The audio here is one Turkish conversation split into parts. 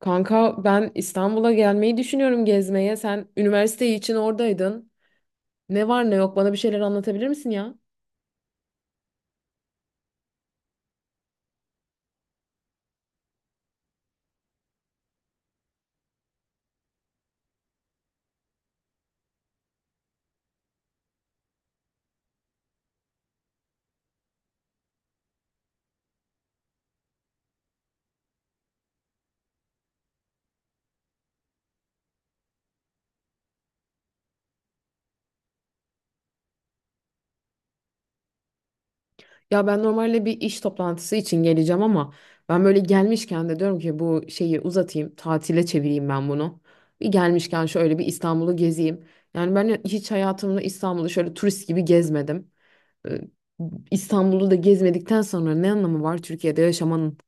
Kanka ben İstanbul'a gelmeyi düşünüyorum gezmeye. Sen üniversite için oradaydın. Ne var ne yok bana bir şeyler anlatabilir misin ya? Ya ben normalde bir iş toplantısı için geleceğim ama ben böyle gelmişken de diyorum ki bu şeyi uzatayım, tatile çevireyim ben bunu. Bir gelmişken şöyle bir İstanbul'u gezeyim. Yani ben hiç hayatımda İstanbul'u şöyle turist gibi gezmedim. Ee, İstanbul'u da gezmedikten sonra ne anlamı var Türkiye'de yaşamanın?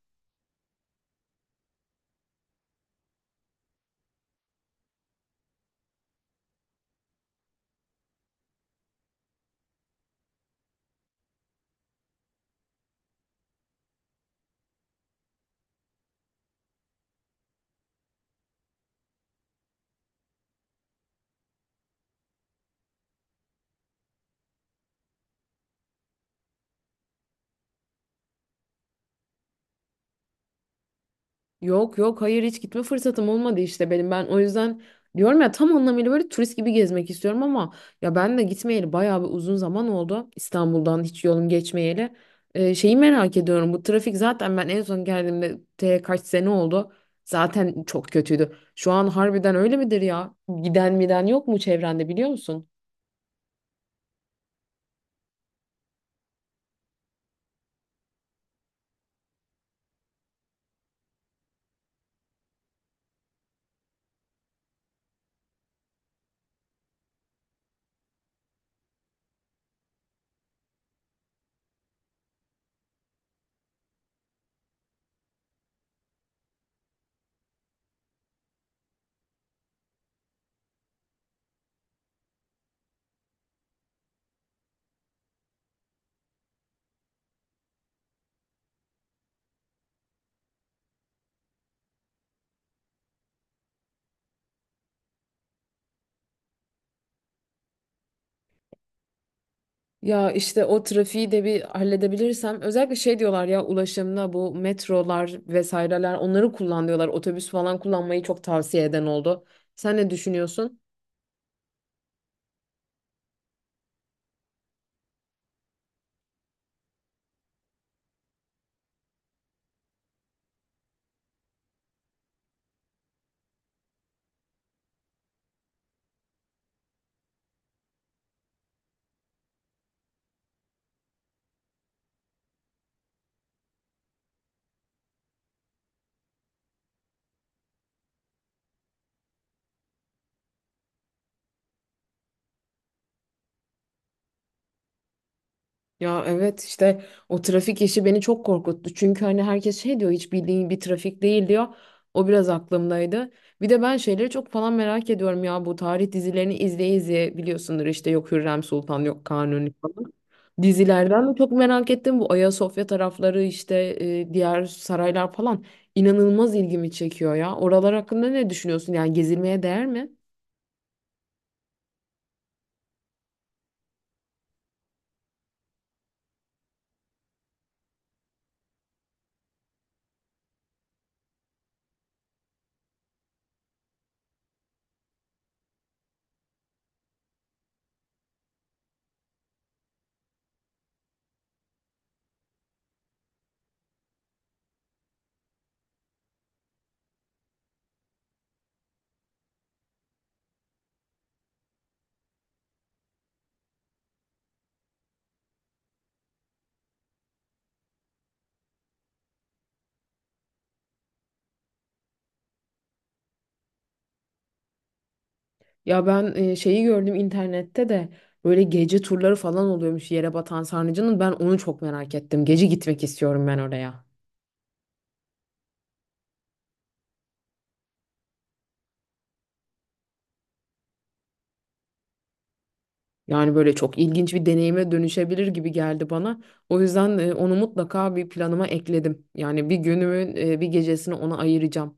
Yok yok hayır hiç gitme fırsatım olmadı işte benim ben o yüzden diyorum ya tam anlamıyla böyle turist gibi gezmek istiyorum ama ya ben de gitmeyeli bayağı bir uzun zaman oldu İstanbul'dan hiç yolum geçmeyeli. Şeyi merak ediyorum bu trafik, zaten ben en son geldiğimde te kaç sene oldu zaten çok kötüydü. Şu an harbiden öyle midir ya? Giden miden yok mu çevrende biliyor musun? Ya işte o trafiği de bir halledebilirsem, özellikle şey diyorlar ya, ulaşımda bu metrolar vesaireler onları kullan diyorlar. Otobüs falan kullanmayı çok tavsiye eden oldu. Sen ne düşünüyorsun? Ya evet işte o trafik işi beni çok korkuttu. Çünkü hani herkes şey diyor, hiç bildiğin bir trafik değil diyor. O biraz aklımdaydı. Bir de ben şeyleri çok falan merak ediyorum ya, bu tarih dizilerini izleye izleye biliyorsundur, işte yok Hürrem Sultan yok Kanuni falan. Dizilerden de çok merak ettim bu Ayasofya tarafları, işte diğer saraylar falan inanılmaz ilgimi çekiyor ya. Oralar hakkında ne düşünüyorsun? Yani gezilmeye değer mi? Ya ben şeyi gördüm internette de, böyle gece turları falan oluyormuş yere batan sarnıcının. Ben onu çok merak ettim. Gece gitmek istiyorum ben oraya. Yani böyle çok ilginç bir deneyime dönüşebilir gibi geldi bana. O yüzden onu mutlaka bir planıma ekledim. Yani bir günümün bir gecesini ona ayıracağım.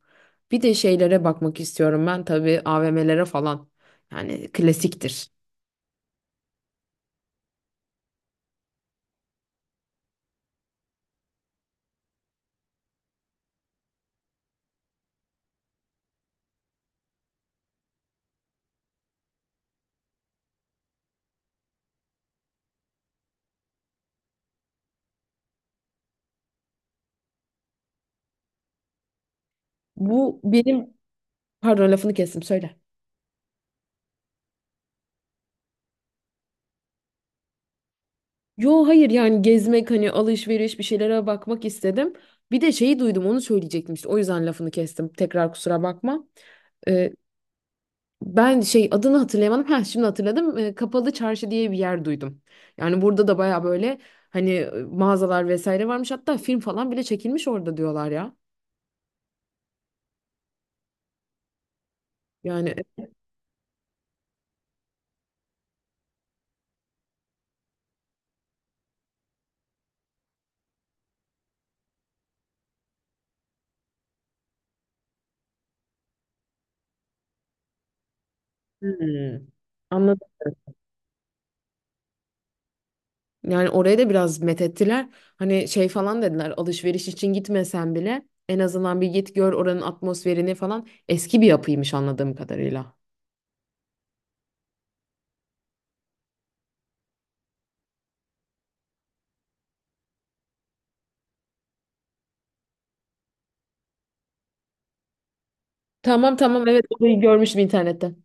Bir de şeylere bakmak istiyorum ben tabii, AVM'lere falan. Yani klasiktir. Bu benim, pardon lafını kestim, söyle. Yo hayır yani gezmek hani, alışveriş bir şeylere bakmak istedim. Bir de şeyi duydum onu söyleyecektim, işte o yüzden lafını kestim. Tekrar kusura bakma. Ee, Ben şey adını hatırlayamadım. Ha şimdi hatırladım. Kapalı Çarşı diye bir yer duydum. Yani burada da baya böyle hani mağazalar vesaire varmış. Hatta film falan bile çekilmiş orada diyorlar ya. Yani. Hmm. Anladım. Yani oraya da biraz methettiler. Hani şey falan dediler, alışveriş için gitmesen bile en azından bir git gör oranın atmosferini falan. Eski bir yapıymış anladığım kadarıyla. Tamam tamam evet, orayı görmüştüm internette.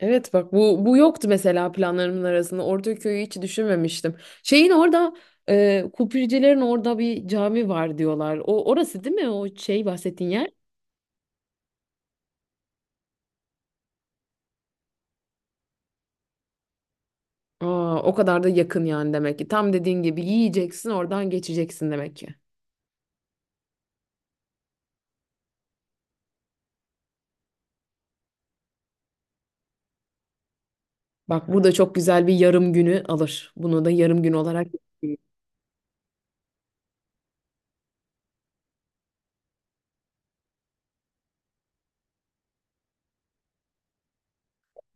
Evet bak, bu yoktu mesela planlarımın arasında. Ortaköy'ü hiç düşünmemiştim. Şeyin orada, Kupricilerin orada bir cami var diyorlar. O orası değil mi, o şey bahsettiğin yer? Aa, o kadar da yakın yani demek ki. Tam dediğin gibi yiyeceksin oradan geçeceksin demek ki. Bak burada çok güzel bir yarım günü alır. Bunu da yarım gün olarak.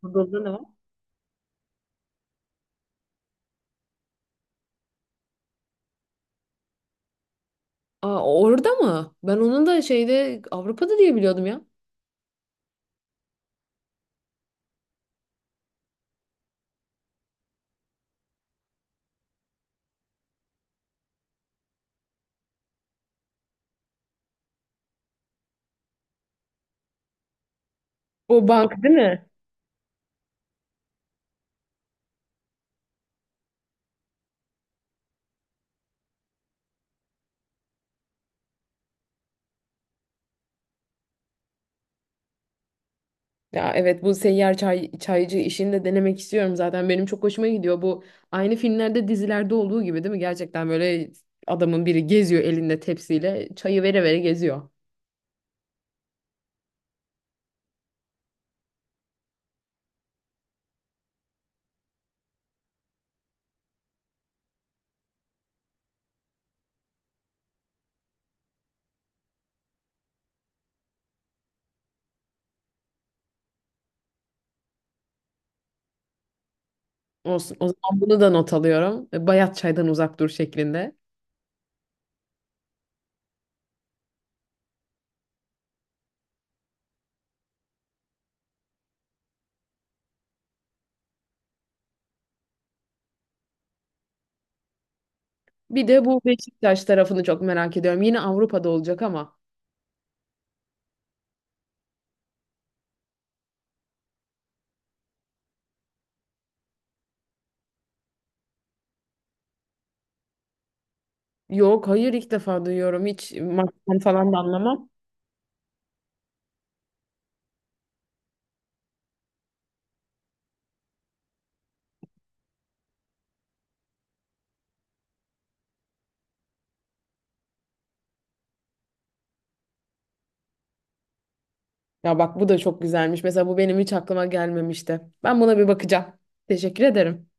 Burada ne var? Aa, orada mı? Ben onun da şeyde, Avrupa'da diye biliyordum ya. O bank değil mi? Ya evet, bu seyyar çay, çaycı işini de denemek istiyorum zaten. Benim çok hoşuma gidiyor bu. Aynı filmlerde dizilerde olduğu gibi değil mi? Gerçekten böyle adamın biri geziyor elinde tepsiyle, çayı vere vere geziyor. Olsun. O zaman bunu da not alıyorum. E, bayat çaydan uzak dur şeklinde. Bir de bu Beşiktaş tarafını çok merak ediyorum. Yine Avrupa'da olacak ama. Yok hayır ilk defa duyuyorum. Hiç maçtan falan da anlamam. Ya bak, bu da çok güzelmiş. Mesela bu benim hiç aklıma gelmemişti. Ben buna bir bakacağım. Teşekkür ederim.